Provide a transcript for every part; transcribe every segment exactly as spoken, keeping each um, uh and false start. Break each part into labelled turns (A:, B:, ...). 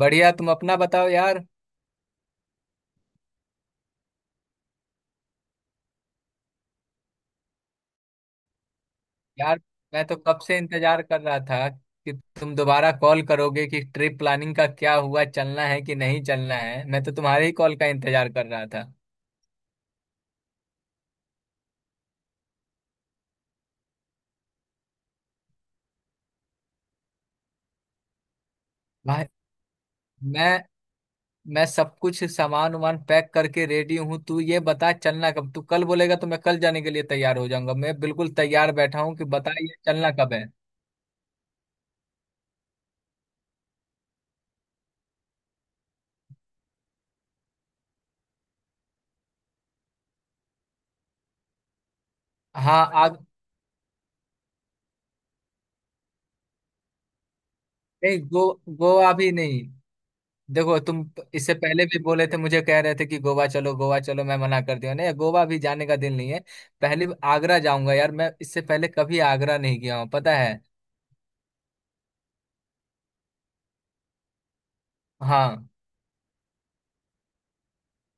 A: बढ़िया, तुम अपना बताओ यार। यार, मैं तो कब से इंतजार कर रहा था कि तुम दोबारा कॉल करोगे कि ट्रिप प्लानिंग का क्या हुआ, चलना है कि नहीं चलना है। मैं तो तुम्हारे ही कॉल का इंतजार कर रहा था भाई। मैं मैं सब कुछ सामान वामान पैक करके रेडी हूँ। तू ये बता चलना कब, तू कल बोलेगा तो मैं कल जाने के लिए तैयार हो जाऊंगा। मैं बिल्कुल तैयार बैठा हूँ कि बता ये चलना कब है। हाँ आग नहीं गो गोवा भी नहीं। देखो तुम इससे पहले भी बोले थे, मुझे कह रहे थे कि गोवा चलो गोवा चलो, मैं मना कर दिया, नहीं, गोवा भी जाने का दिल नहीं है। पहले आगरा जाऊंगा यार, मैं इससे पहले कभी आगरा नहीं गया हूँ, पता है। हाँ।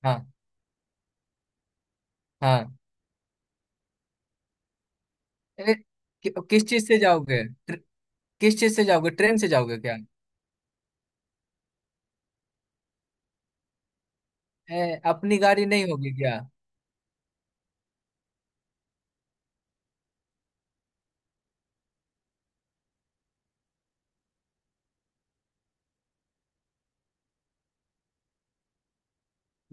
A: हाँ। हाँ। ए, कि, किस चीज से जाओगे, ट्र- किस चीज से जाओगे, ट्रेन से जाओगे क्या? ए, अपनी गाड़ी नहीं होगी क्या?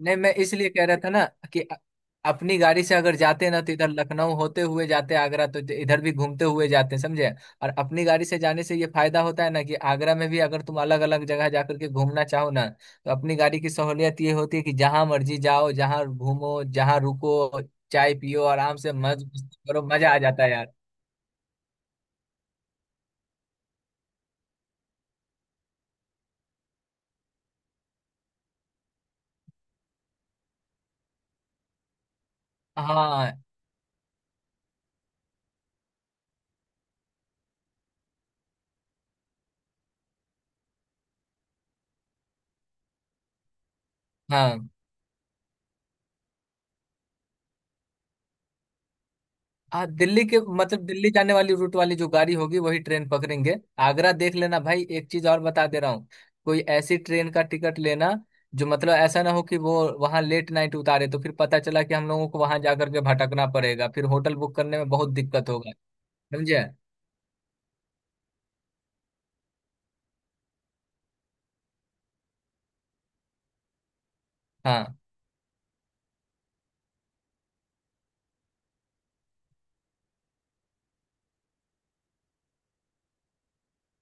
A: नहीं, मैं इसलिए कह रहा था ना कि अ- अपनी गाड़ी से अगर जाते ना तो इधर लखनऊ होते हुए जाते आगरा, तो इधर भी घूमते हुए जाते, समझे। और अपनी गाड़ी से जाने से ये फायदा होता है ना कि आगरा में भी अगर तुम अलग अलग जगह जाकर के घूमना चाहो ना, तो अपनी गाड़ी की सहूलियत ये होती है कि जहां मर्जी जाओ, जहां घूमो, जहां रुको, चाय पियो, आराम से मज मस्ती करो, मजा आ जाता है यार। हाँ। हाँ। हाँ, दिल्ली के मतलब दिल्ली जाने वाली रूट वाली जो गाड़ी होगी वही ट्रेन पकड़ेंगे। आगरा देख लेना भाई, एक चीज और बता दे रहा हूँ, कोई ऐसी ट्रेन का टिकट लेना जो मतलब ऐसा ना हो कि वो वहां लेट नाइट उतारे, तो फिर पता चला कि हम लोगों को वहां जाकर के भटकना पड़ेगा, फिर होटल बुक करने में बहुत दिक्कत होगा। समझे। हाँ,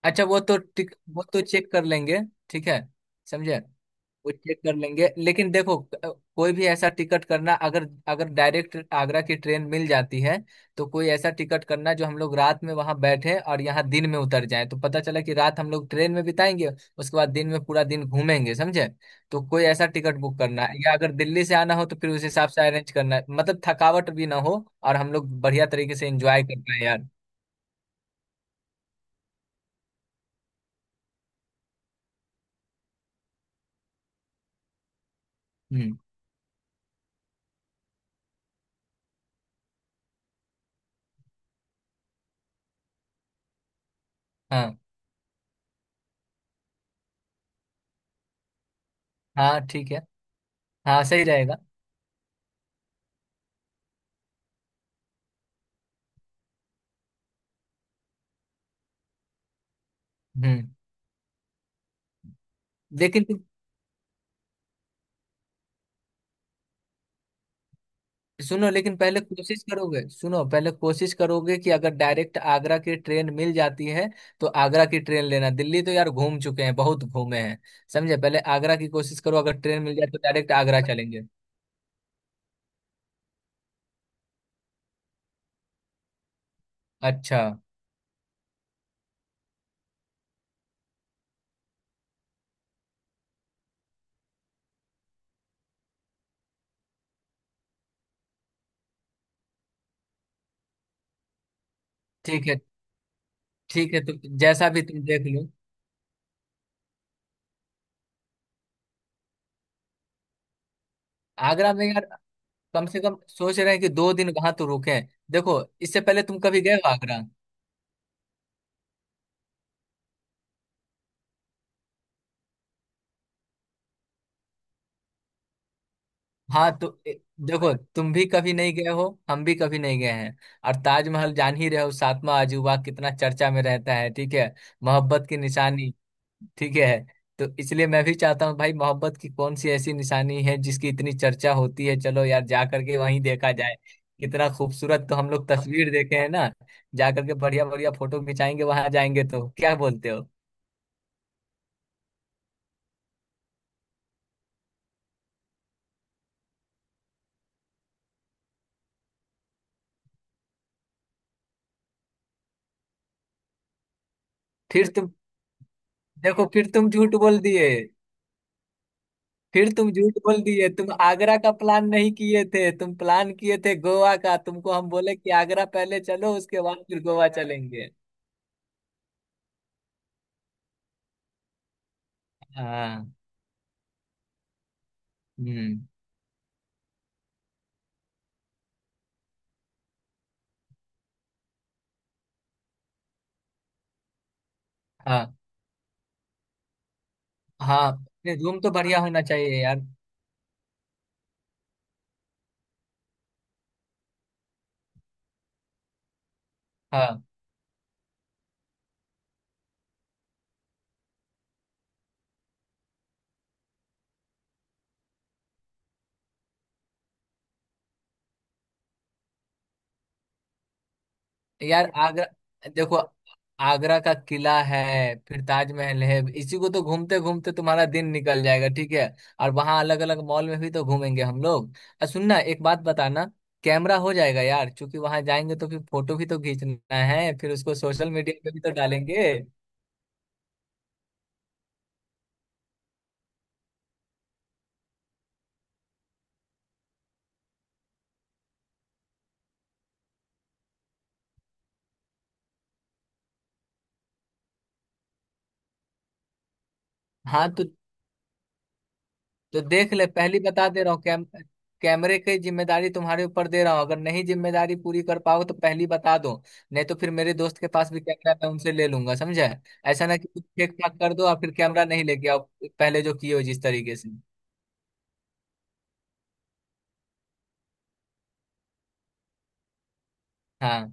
A: अच्छा, वो तो टिक वो तो चेक कर लेंगे। ठीक है। समझे, वो चेक कर लेंगे, लेकिन देखो क- कोई भी ऐसा टिकट करना, अगर अगर डायरेक्ट आगरा की ट्रेन मिल जाती है तो कोई ऐसा टिकट करना जो हम लोग रात में वहां बैठे और यहाँ दिन में उतर जाए, तो पता चला कि रात हम लोग ट्रेन में बिताएंगे, उसके बाद दिन में पूरा दिन घूमेंगे, समझे। तो कोई ऐसा टिकट बुक करना है, या अगर दिल्ली से आना हो तो फिर उस हिसाब से अरेंज करना है, मतलब थकावट भी ना हो और हम लोग बढ़िया तरीके से एंजॉय कर पाए यार। हम्म। हाँ। हाँ, ठीक है। हाँ, सही रहेगा। हम्म। लेकिन सुनो, लेकिन पहले कोशिश करोगे, सुनो पहले कोशिश करोगे कि अगर डायरेक्ट आगरा की ट्रेन मिल जाती है तो आगरा की ट्रेन लेना। दिल्ली तो यार घूम चुके हैं, बहुत घूमे हैं, समझे। पहले आगरा की कोशिश करो, अगर ट्रेन मिल जाए तो डायरेक्ट आगरा चलेंगे। अच्छा। ठीक है। ठीक है तो जैसा भी तुम देख लो। आगरा में यार कम से कम सोच रहे हैं कि दो दिन वहां तो रुके। देखो इससे पहले तुम कभी गए हो आगरा? हाँ तो ए- देखो तुम भी कभी नहीं गए हो, हम भी कभी नहीं गए हैं, और ताजमहल, जान ही रहे हो, सातवां अजूबा, कितना चर्चा में रहता है, ठीक है। मोहब्बत की निशानी। ठीक है। तो इसलिए मैं भी चाहता हूँ भाई, मोहब्बत की कौन सी ऐसी निशानी है जिसकी इतनी चर्चा होती है, चलो यार जा करके वहीं देखा जाए, कितना खूबसूरत। तो हम लोग तस्वीर देखे हैं ना, जा करके बढ़िया बढ़िया फोटो खिंचाएंगे वहां, जाएंगे तो, क्या बोलते हो? फिर तुम, देखो फिर तुम झूठ बोल दिए। फिर तुम झूठ बोल दिए, तुम आगरा का प्लान नहीं किए थे, तुम प्लान किए थे गोवा का, तुमको हम बोले कि आगरा पहले चलो उसके बाद फिर गोवा चलेंगे। हाँ। हम्म। हाँ। हाँ, नहीं, रूम तो बढ़िया होना चाहिए यार। हाँ। यार आगरा, देखो, आगरा का किला है, फिर ताजमहल है, इसी को तो घूमते घूमते तुम्हारा दिन निकल जाएगा, ठीक है। और वहां अलग अलग मॉल में भी तो घूमेंगे हम लोग। और सुनना, एक बात बताना, कैमरा हो जाएगा यार, क्योंकि वहां जाएंगे तो फिर फोटो भी तो खींचना है, फिर उसको सोशल मीडिया पे भी तो डालेंगे। हाँ तो तो देख ले, पहली बता दे रहा हूँ, कैम कैमरे की जिम्मेदारी तुम्हारे ऊपर दे रहा हूँ, अगर नहीं जिम्मेदारी पूरी कर पाओ तो पहली बता दो, नहीं तो फिर मेरे दोस्त के पास भी कैमरा, मैं उनसे ले लूंगा, समझे। ऐसा ना कि ठीक ठाक कर दो और फिर कैमरा नहीं लेके आओ, पहले जो किए हो जिस तरीके से। हाँ,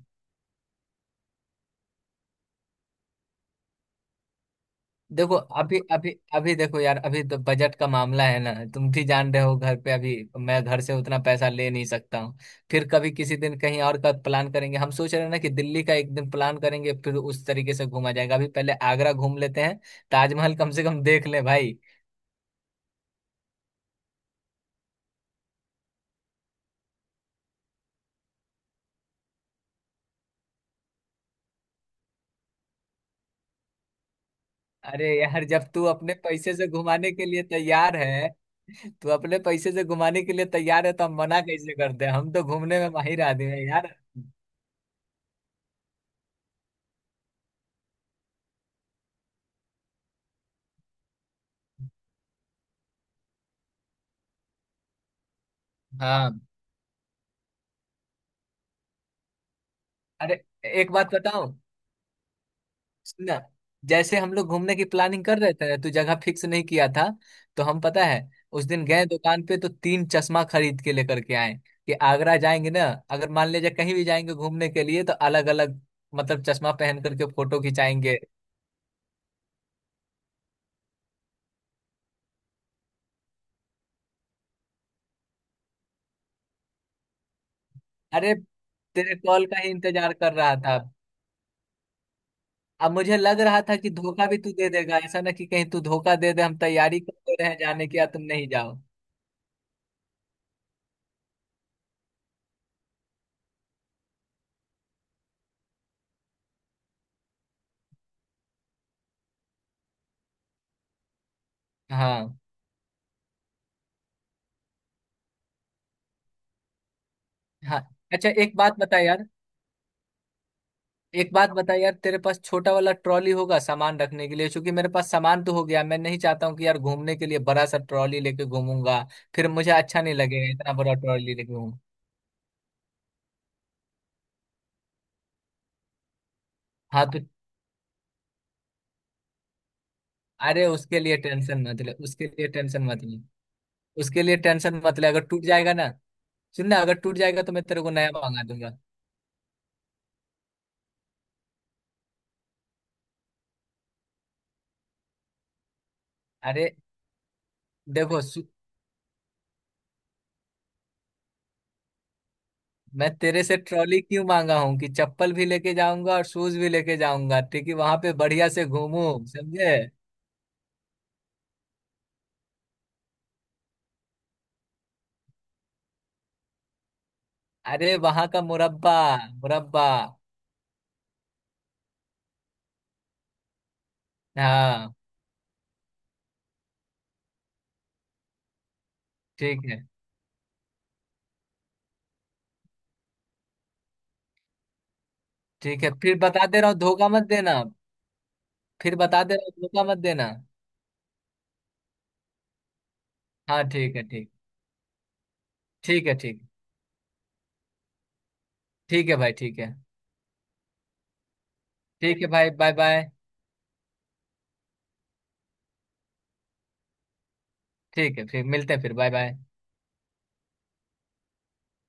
A: देखो, अभी अभी अभी देखो यार, अभी तो बजट का मामला है ना, तुम भी जान रहे हो, घर पे अभी मैं घर से उतना पैसा ले नहीं सकता हूँ। फिर कभी किसी दिन कहीं और का प्लान करेंगे, हम सोच रहे हैं ना कि दिल्ली का एक दिन प्लान करेंगे, फिर उस तरीके से घूमा जाएगा, अभी पहले आगरा घूम लेते हैं, ताजमहल कम से कम देख ले भाई। अरे यार जब तू अपने पैसे से घुमाने के लिए तैयार है, तू अपने पैसे से घुमाने के लिए तैयार है, तो हम मना कैसे करते हैं, हम तो घूमने में माहिर आदमी है यार। हाँ। अरे, एक बात बताऊं, सुनना, जैसे हम लोग घूमने की प्लानिंग कर रहे थे ना, तो जगह फिक्स नहीं किया था, तो हम, पता है, उस दिन गए दुकान पे तो तीन चश्मा खरीद के लेकर के आए कि आगरा जाएंगे ना, अगर मान लीजिए कहीं भी जाएंगे घूमने के लिए तो अलग अलग, मतलब, चश्मा पहन करके फोटो खिंचाएंगे। अरे, तेरे कॉल का ही इंतजार कर रहा था। अब मुझे लग रहा था कि धोखा भी तू दे देगा, ऐसा ना कि कहीं तू धोखा दे दे, हम तैयारी करते रहे जाने की या तुम नहीं जाओ। हाँ। हाँ। अच्छा एक बात बता यार, एक बात बता यार, तेरे पास छोटा वाला ट्रॉली होगा सामान रखने के लिए? क्योंकि मेरे पास सामान तो हो गया, मैं नहीं चाहता हूँ कि यार घूमने के लिए बड़ा सा ट्रॉली लेके घूमूंगा, फिर मुझे अच्छा नहीं लगेगा इतना बड़ा ट्रॉली लेके घूम। हाँ तो, अरे उसके लिए टेंशन मत ले, उसके लिए टेंशन मत ले, उसके लिए टेंशन मत ले। अगर टूट जाएगा ना, सुन ना, अगर टूट जाएगा तो मैं तेरे को नया मंगा दूंगा। अरे, देखो सु- मैं तेरे से ट्रॉली क्यों मांगा हूँ कि चप्पल भी लेके जाऊंगा और शूज भी लेके जाऊंगा, ठीक है, वहां पे बढ़िया से घूमू, समझे। अरे वहां का मुरब्बा, मुरब्बा। हाँ। ठीक है। ठीक है। फिर बता दे रहा हूँ, धोखा मत देना। फिर बता दे रहा हूँ, धोखा मत देना। हाँ ठीक है, ठीक। ठीक है, ठीक। ठीक है भाई, ठीक है। ठीक है भाई, बाय बाय। ठीक है, फिर मिलते हैं फिर, बाय बाय।